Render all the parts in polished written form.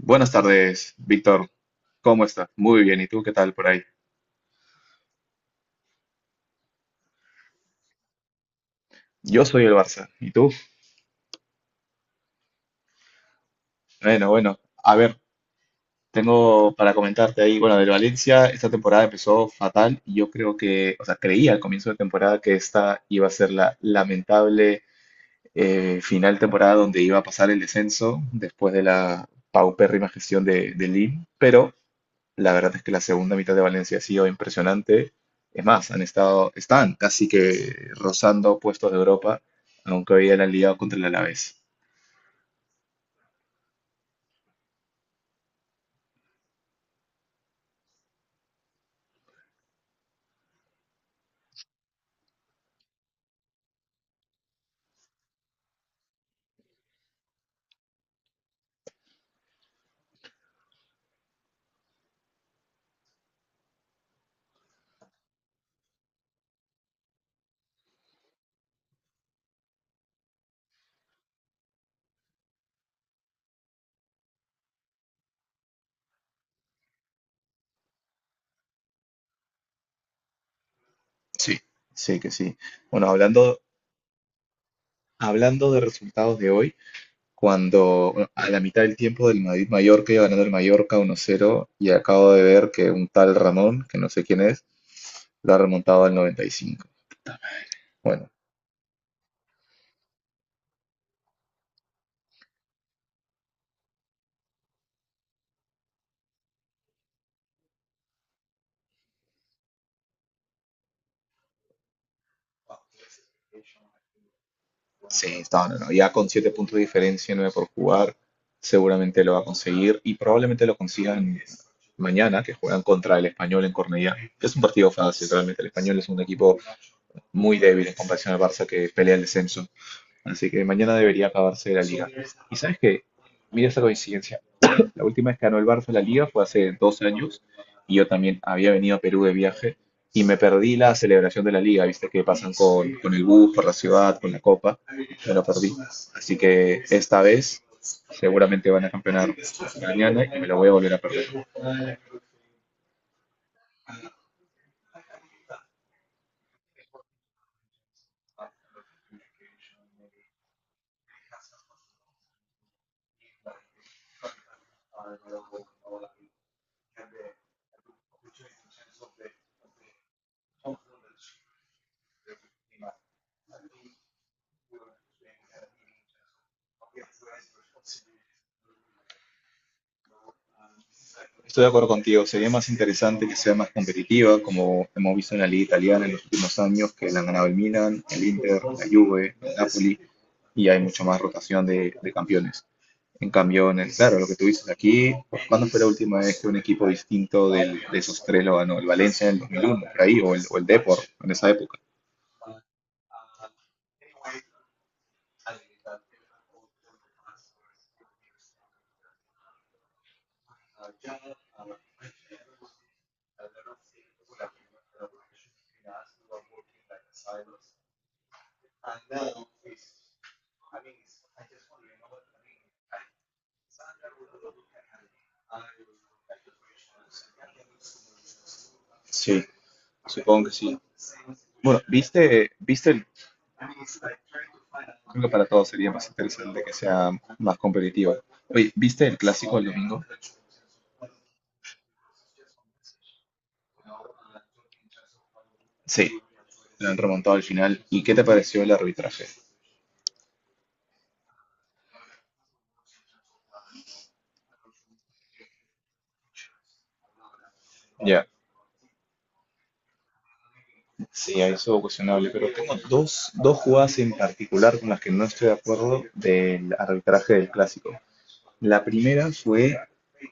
Buenas tardes, Víctor. ¿Cómo estás? Muy bien. ¿Y tú qué tal por ahí? Yo soy el Barça. ¿Y tú? Bueno, bueno. A ver, tengo para comentarte ahí, bueno, del Valencia, esta temporada empezó fatal y yo creo que, o sea, creía al comienzo de temporada que esta iba a ser la lamentable final temporada donde iba a pasar el descenso después de la paupérrima gestión de Lim. Pero la verdad es que la segunda mitad de Valencia ha sido impresionante. Es más, están casi que rozando puestos de Europa, aunque hoy ya la han liado contra el Alavés. Sí, sí que sí. Bueno, hablando de resultados de hoy, cuando, bueno, a la mitad del tiempo del Madrid-Mallorca iba ganando el Mallorca 1-0, y acabo de ver que un tal Ramón, que no sé quién es, lo ha remontado al 95. Bueno, sí, no, no, no. Ya con 7 puntos de diferencia, 9 por jugar, seguramente lo va a conseguir y probablemente lo consigan mañana, que juegan contra el Español en Cornellá. Es un partido fácil, realmente. El Español es un equipo muy débil en comparación al Barça, que pelea el descenso. Así que mañana debería acabarse la liga. Y sabes qué, mira esta coincidencia. La última vez que ganó el Barça la Liga fue hace 2 años, y yo también había venido a Perú de viaje y me perdí la celebración de la Liga. Viste que pasan con el bus, por la ciudad, con la copa, me lo perdí. Así que esta vez seguramente van a campeonar mañana y me lo voy a volver a perder. Estoy de acuerdo contigo, sería más interesante que sea más competitiva, como hemos visto en la Liga Italiana en los últimos años, que la han ganado el Milan, el Inter, la Juve, el Napoli, y hay mucho más rotación de campeones. En cambio, claro, lo que tú dices aquí, ¿cuándo fue la última vez que un equipo distinto de esos tres lo ganó? El Valencia en el 2001, por ahí, o el Depor, en esa época. Sí, supongo que sí. Bueno, ¿Viste el... Creo que para todos sería más interesante que sea más competitiva. Oye, ¿viste el clásico el domingo? Sí, lo han remontado al final. ¿Y qué te pareció el arbitraje? Ya, sí, ahí estuvo cuestionable, pero tengo dos jugadas en particular con las que no estoy de acuerdo del arbitraje del clásico. La primera fue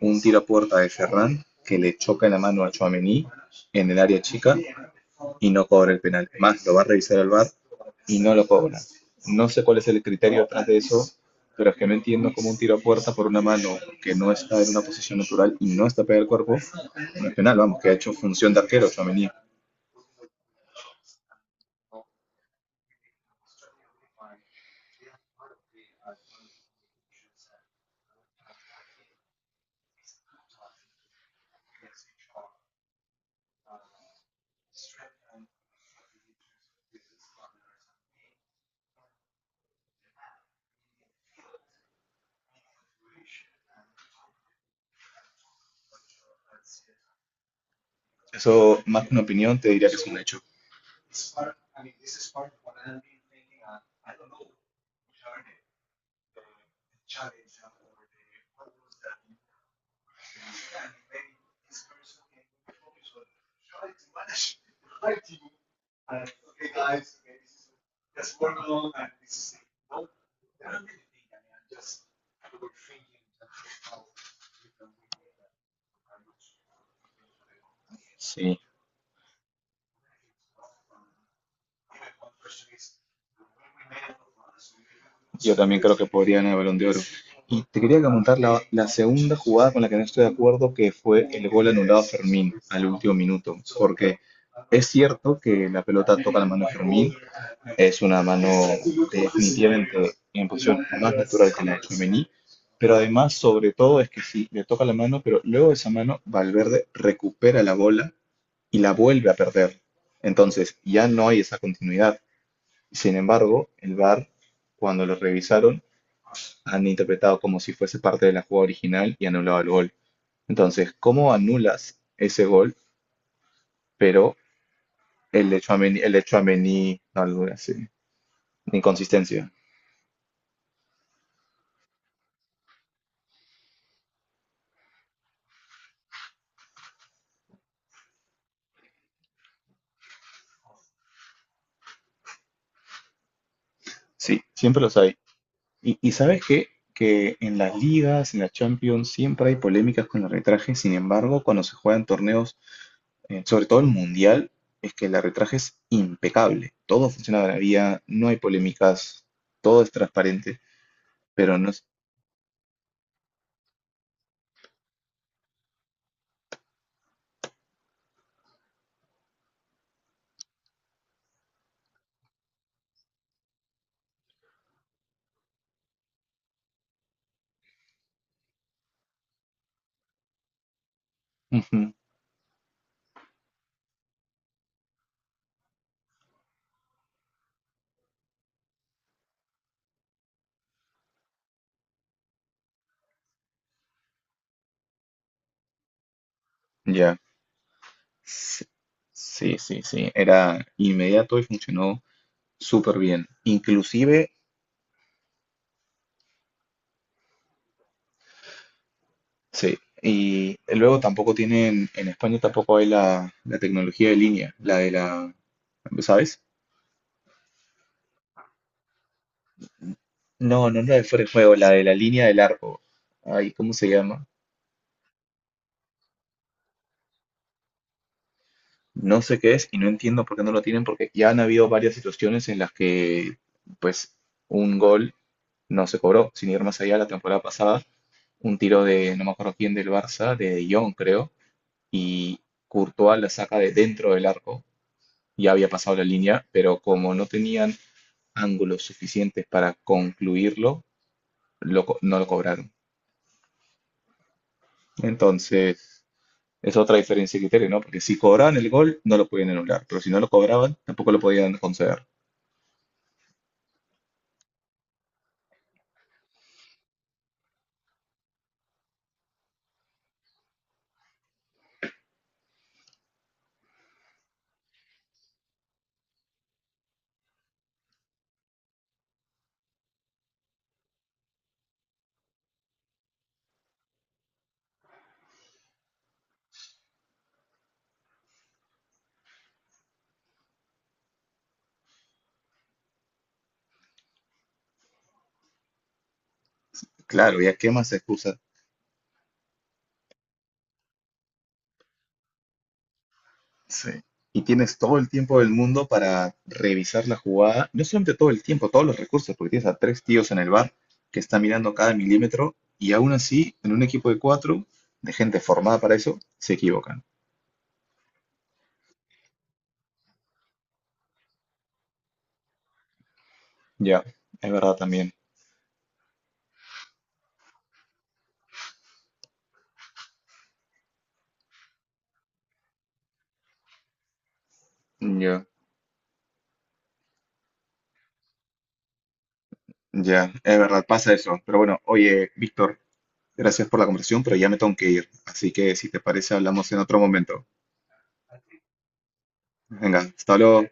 un tiro a puerta de Ferran que le choca la mano a Tchouaméni en el área chica y no cobra el penal. Más, lo va a revisar el VAR y no lo cobra. No sé cuál es el criterio detrás de eso, pero es que no entiendo cómo un tiro a puerta por una mano que no está en una posición natural y no está pegada al cuerpo no es penal. Vamos, que ha hecho función de arquero Tchouaméni. Eso, más que una opinión, te diría que es un hecho. Sí, yo también creo que podría ganar el Balón de Oro. Y te quería comentar la segunda jugada con la que no estoy de acuerdo, que fue el gol anulado a Fermín al último minuto. Porque es cierto que la pelota toca la mano de Fermín, es una mano definitivamente en posición más natural que la de Tchouaméni, pero además, sobre todo, es que sí, le toca la mano, pero luego de esa mano Valverde recupera la bola y la vuelve a perder. Entonces, ya no hay esa continuidad. Sin embargo, el VAR, cuando lo revisaron, han interpretado como si fuese parte de la jugada original y anulado el gol. Entonces, ¿cómo anulas ese gol, pero el de Tchouaméni, no, algo así, inconsistencia? Sí, siempre los hay. Y ¿sabes qué? Que en las ligas, en la Champions, siempre hay polémicas con el arbitraje. Sin embargo, cuando se juegan torneos, sobre todo el Mundial, es que el arbitraje es impecable. Todo funciona de maravilla, no hay polémicas, todo es transparente. Pero no es... Ujú, ya. S- Sí, sí, sí. Era inmediato y funcionó súper bien. Inclusive, sí. Y luego tampoco tienen, en España tampoco hay la tecnología de línea, la de la, ¿sabes? No, no es la de fuera de juego, la de la línea del arco. Ay, ¿cómo se llama? No sé qué es y no entiendo por qué no lo tienen, porque ya han habido varias situaciones en las que, pues, un gol no se cobró, sin ir más allá la temporada pasada. Un tiro de, no me acuerdo quién del Barça, de De Jong, creo, y Courtois la saca de dentro del arco, ya había pasado la línea, pero como no tenían ángulos suficientes para concluirlo, no lo cobraron. Entonces, es otra diferencia de criterio, ¿no? Porque si cobraban el gol, no lo podían anular, pero si no lo cobraban, tampoco lo podían conceder. Claro, ya qué más excusa. Sí. Y tienes todo el tiempo del mundo para revisar la jugada. No solamente todo el tiempo, todos los recursos, porque tienes a tres tíos en el bar que están mirando cada milímetro y aún así, en un equipo de cuatro, de gente formada para eso, se equivocan. Ya, es verdad también. Ya. Ya, es verdad, pasa eso. Pero bueno, oye, Víctor, gracias por la conversación, pero ya me tengo que ir. Así que si te parece, hablamos en otro momento. Venga, hasta luego.